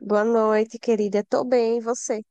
Boa noite, querida. Tô bem, e você?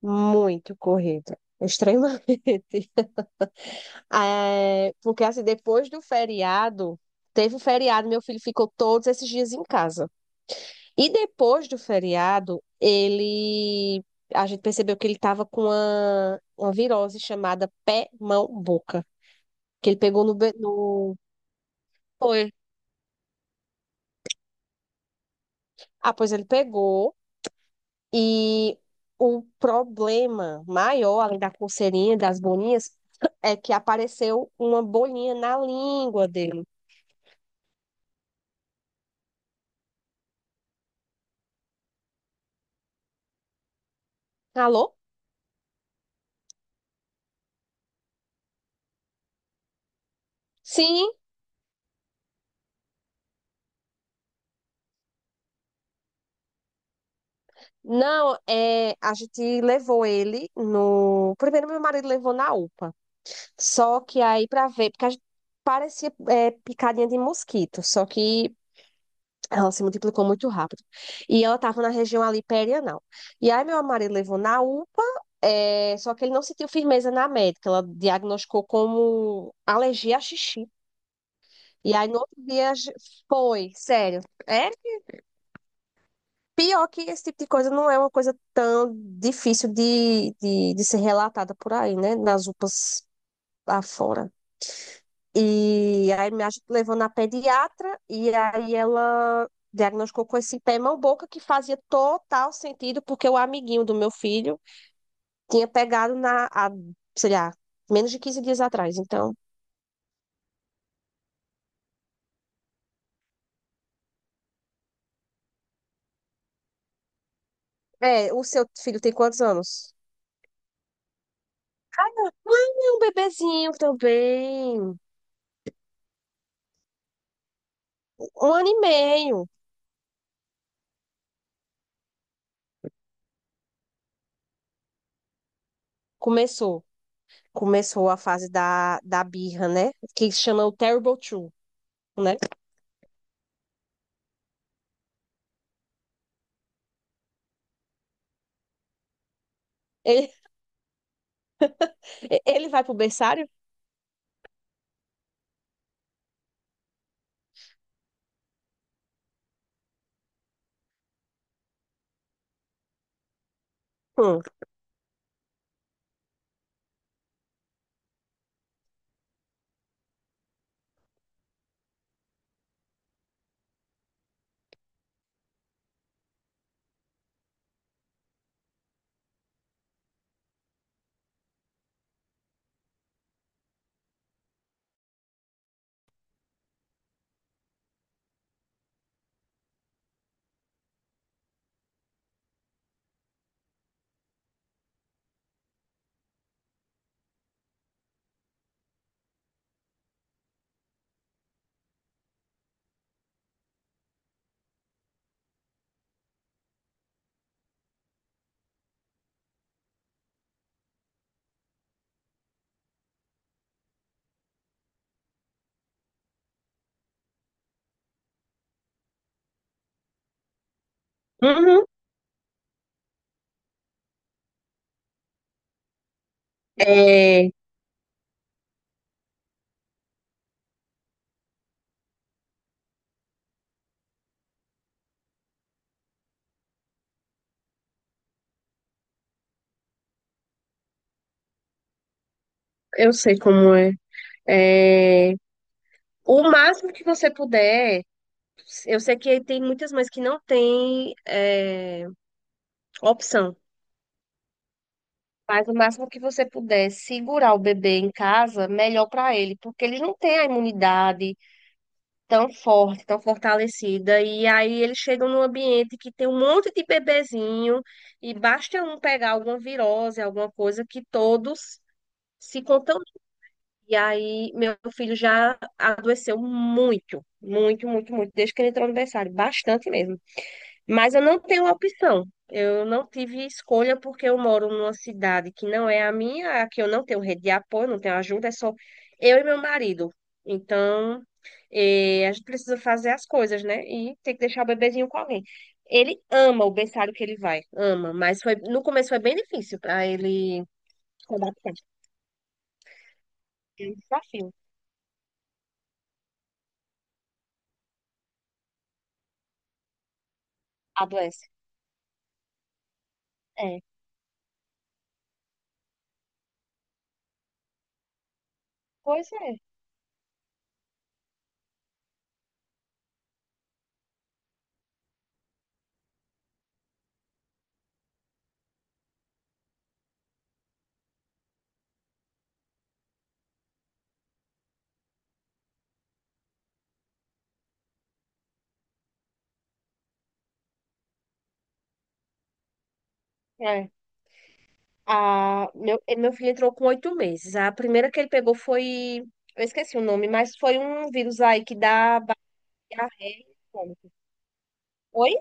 Muito corrida, extremamente. É, porque assim, depois do feriado, teve o feriado, meu filho ficou todos esses dias em casa. E depois do feriado, ele a gente percebeu que ele estava com uma virose chamada pé, mão, boca, que ele pegou no... Foi. Ah, pois ele pegou. E o problema maior, além da coceirinha, das bolinhas, é que apareceu uma bolinha na língua dele. Alô? Sim. Não, é, a gente levou ele no. Primeiro, meu marido levou na UPA. Só que aí, pra ver, porque a gente parecia picadinha de mosquito. Só que ela se multiplicou muito rápido. E ela estava na região ali perianal. E aí meu marido levou na UPA, só que ele não sentiu firmeza na médica. Ela diagnosticou como alergia a xixi. E aí no outro dia a foi, sério. É pior que esse tipo de coisa não é uma coisa tão difícil de ser relatada por aí, né? Nas UPAs lá fora. E aí levou na pediatra e aí ela diagnosticou com esse pé mão boca que fazia total sentido porque o amiguinho do meu filho tinha pegado sei lá, menos de 15 dias atrás. Então, é, o seu filho tem quantos anos? Ah, é um bebezinho também. Um ano e meio começou. Começou a fase da birra, né? Que chama o Terrible Two, né? Ele, ele vai pro berçário? Hum. Uhum. É, eu sei como é. É, o máximo que você puder, eu sei que tem muitas mães que não têm opção, mas o máximo que você puder segurar o bebê em casa, melhor para ele, porque ele não tem a imunidade tão forte, tão fortalecida, e aí eles chegam num ambiente que tem um monte de bebezinho, e basta um pegar alguma virose, alguma coisa, que todos se contam. E aí, meu filho já adoeceu muito, muito, muito, muito, desde que ele entrou no berçário, bastante mesmo. Mas eu não tenho opção. Eu não tive escolha porque eu moro numa cidade que não é a minha, a que eu não tenho rede de apoio, não tenho ajuda, é só eu e meu marido. Então, a gente precisa fazer as coisas, né? E tem que deixar o bebezinho com alguém. Ele ama o berçário que ele vai, ama, mas foi, no começo foi bem difícil para ele se adaptar. É um desafio, adoece. É. Pois é. É. Meu filho entrou com 8 meses. A primeira que ele pegou foi. Eu esqueci o nome, mas foi um vírus aí que dá diarreia e vômito. Oi?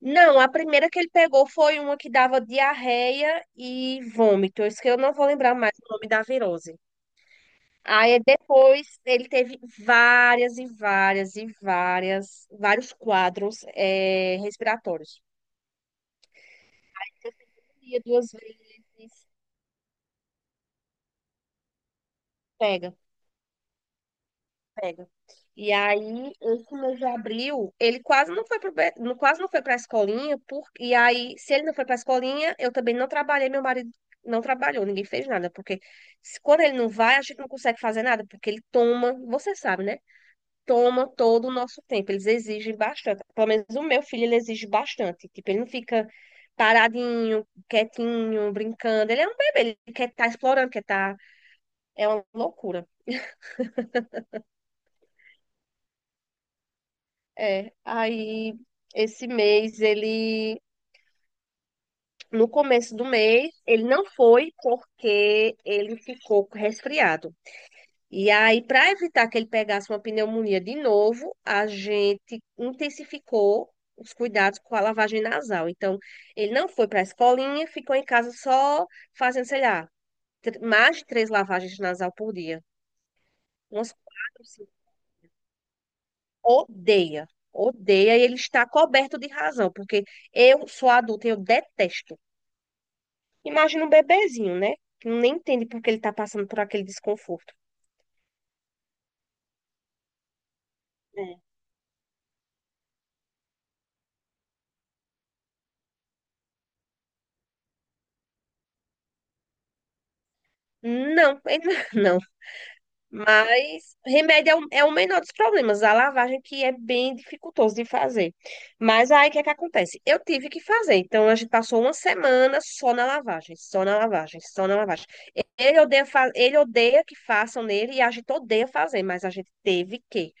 Não, a primeira que ele pegou foi uma que dava diarreia e vômito. Isso que eu não vou lembrar mais o nome da virose. Aí depois ele teve vários quadros respiratórios. Ia duas vezes, pega. Pega. E aí, esse mês de abril, ele quase não foi para quase não foi para a escolinha, por, e aí, se ele não foi para a escolinha, eu também não trabalhei, meu marido não trabalhou, ninguém fez nada, porque quando ele não vai, a gente não consegue fazer nada, porque ele toma, você sabe, né? Toma todo o nosso tempo, eles exigem bastante. Pelo menos o meu filho, ele exige bastante. Tipo, ele não fica paradinho, quietinho, brincando. Ele é um bebê, ele quer estar explorando, quer estar... É uma loucura. É, aí esse mês ele, no começo do mês, ele não foi porque ele ficou resfriado. E aí, para evitar que ele pegasse uma pneumonia de novo, a gente intensificou os cuidados com a lavagem nasal. Então, ele não foi para a escolinha, ficou em casa só fazendo, sei lá, mais de três lavagens nasal por dia. Umas quatro, odeia, odeia e ele está coberto de razão, porque eu sou adulta e eu detesto. Imagina um bebezinho, né? Que nem entende por que ele está passando por aquele desconforto. É. Não, ele não. Mas remédio é o menor dos problemas. A lavagem que é bem dificultoso de fazer. Mas aí o que é que acontece? Eu tive que fazer. Então a gente passou uma semana só na lavagem, só na lavagem, só na lavagem. Ele odeia, ele odeia que façam nele e a gente odeia fazer, mas a gente teve que.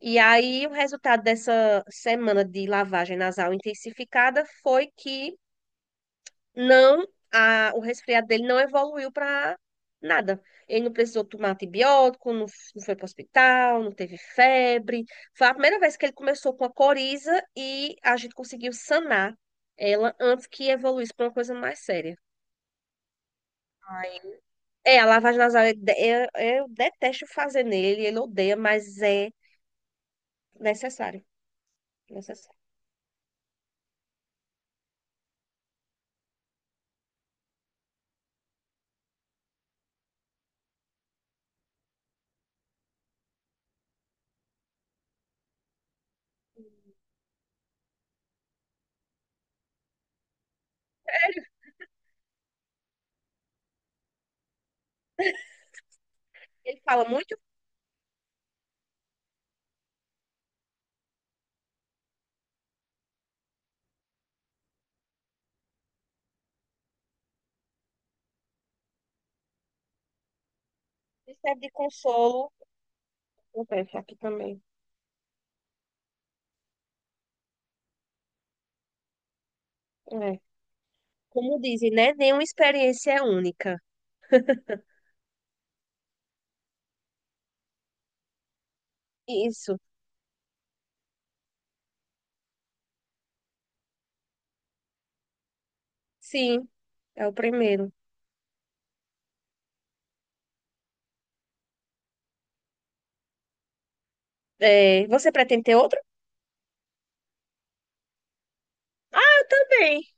E aí, o resultado dessa semana de lavagem nasal intensificada foi que não, o resfriado dele não evoluiu para nada. Ele não precisou tomar antibiótico, não foi para o hospital, não teve febre. Foi a primeira vez que ele começou com a coriza e a gente conseguiu sanar ela antes que evoluísse para uma coisa mais séria. Ai, é, a lavagem nasal, eu detesto fazer nele, ele odeia, mas é necessário. Necessário. Ele fala muito. E serve de consolo. Acontece aqui também. É. Como dizem, né? Nenhuma experiência é única. Isso. Sim, é o primeiro. É, você pretende ter outro? Ah, eu também.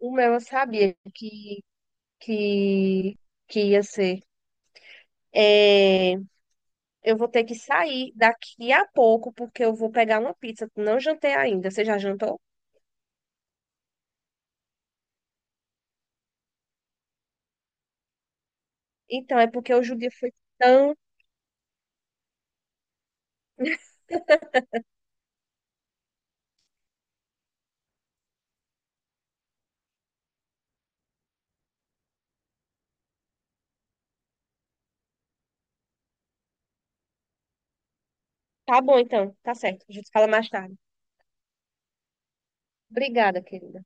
O meu eu sabia que, que ia ser. É, eu vou ter que sair daqui a pouco, porque eu vou pegar uma pizza. Não jantei ainda. Você já jantou? Então, é porque hoje o dia foi tão. Tá bom, então. Tá certo. A gente fala mais tarde. Obrigada, querida.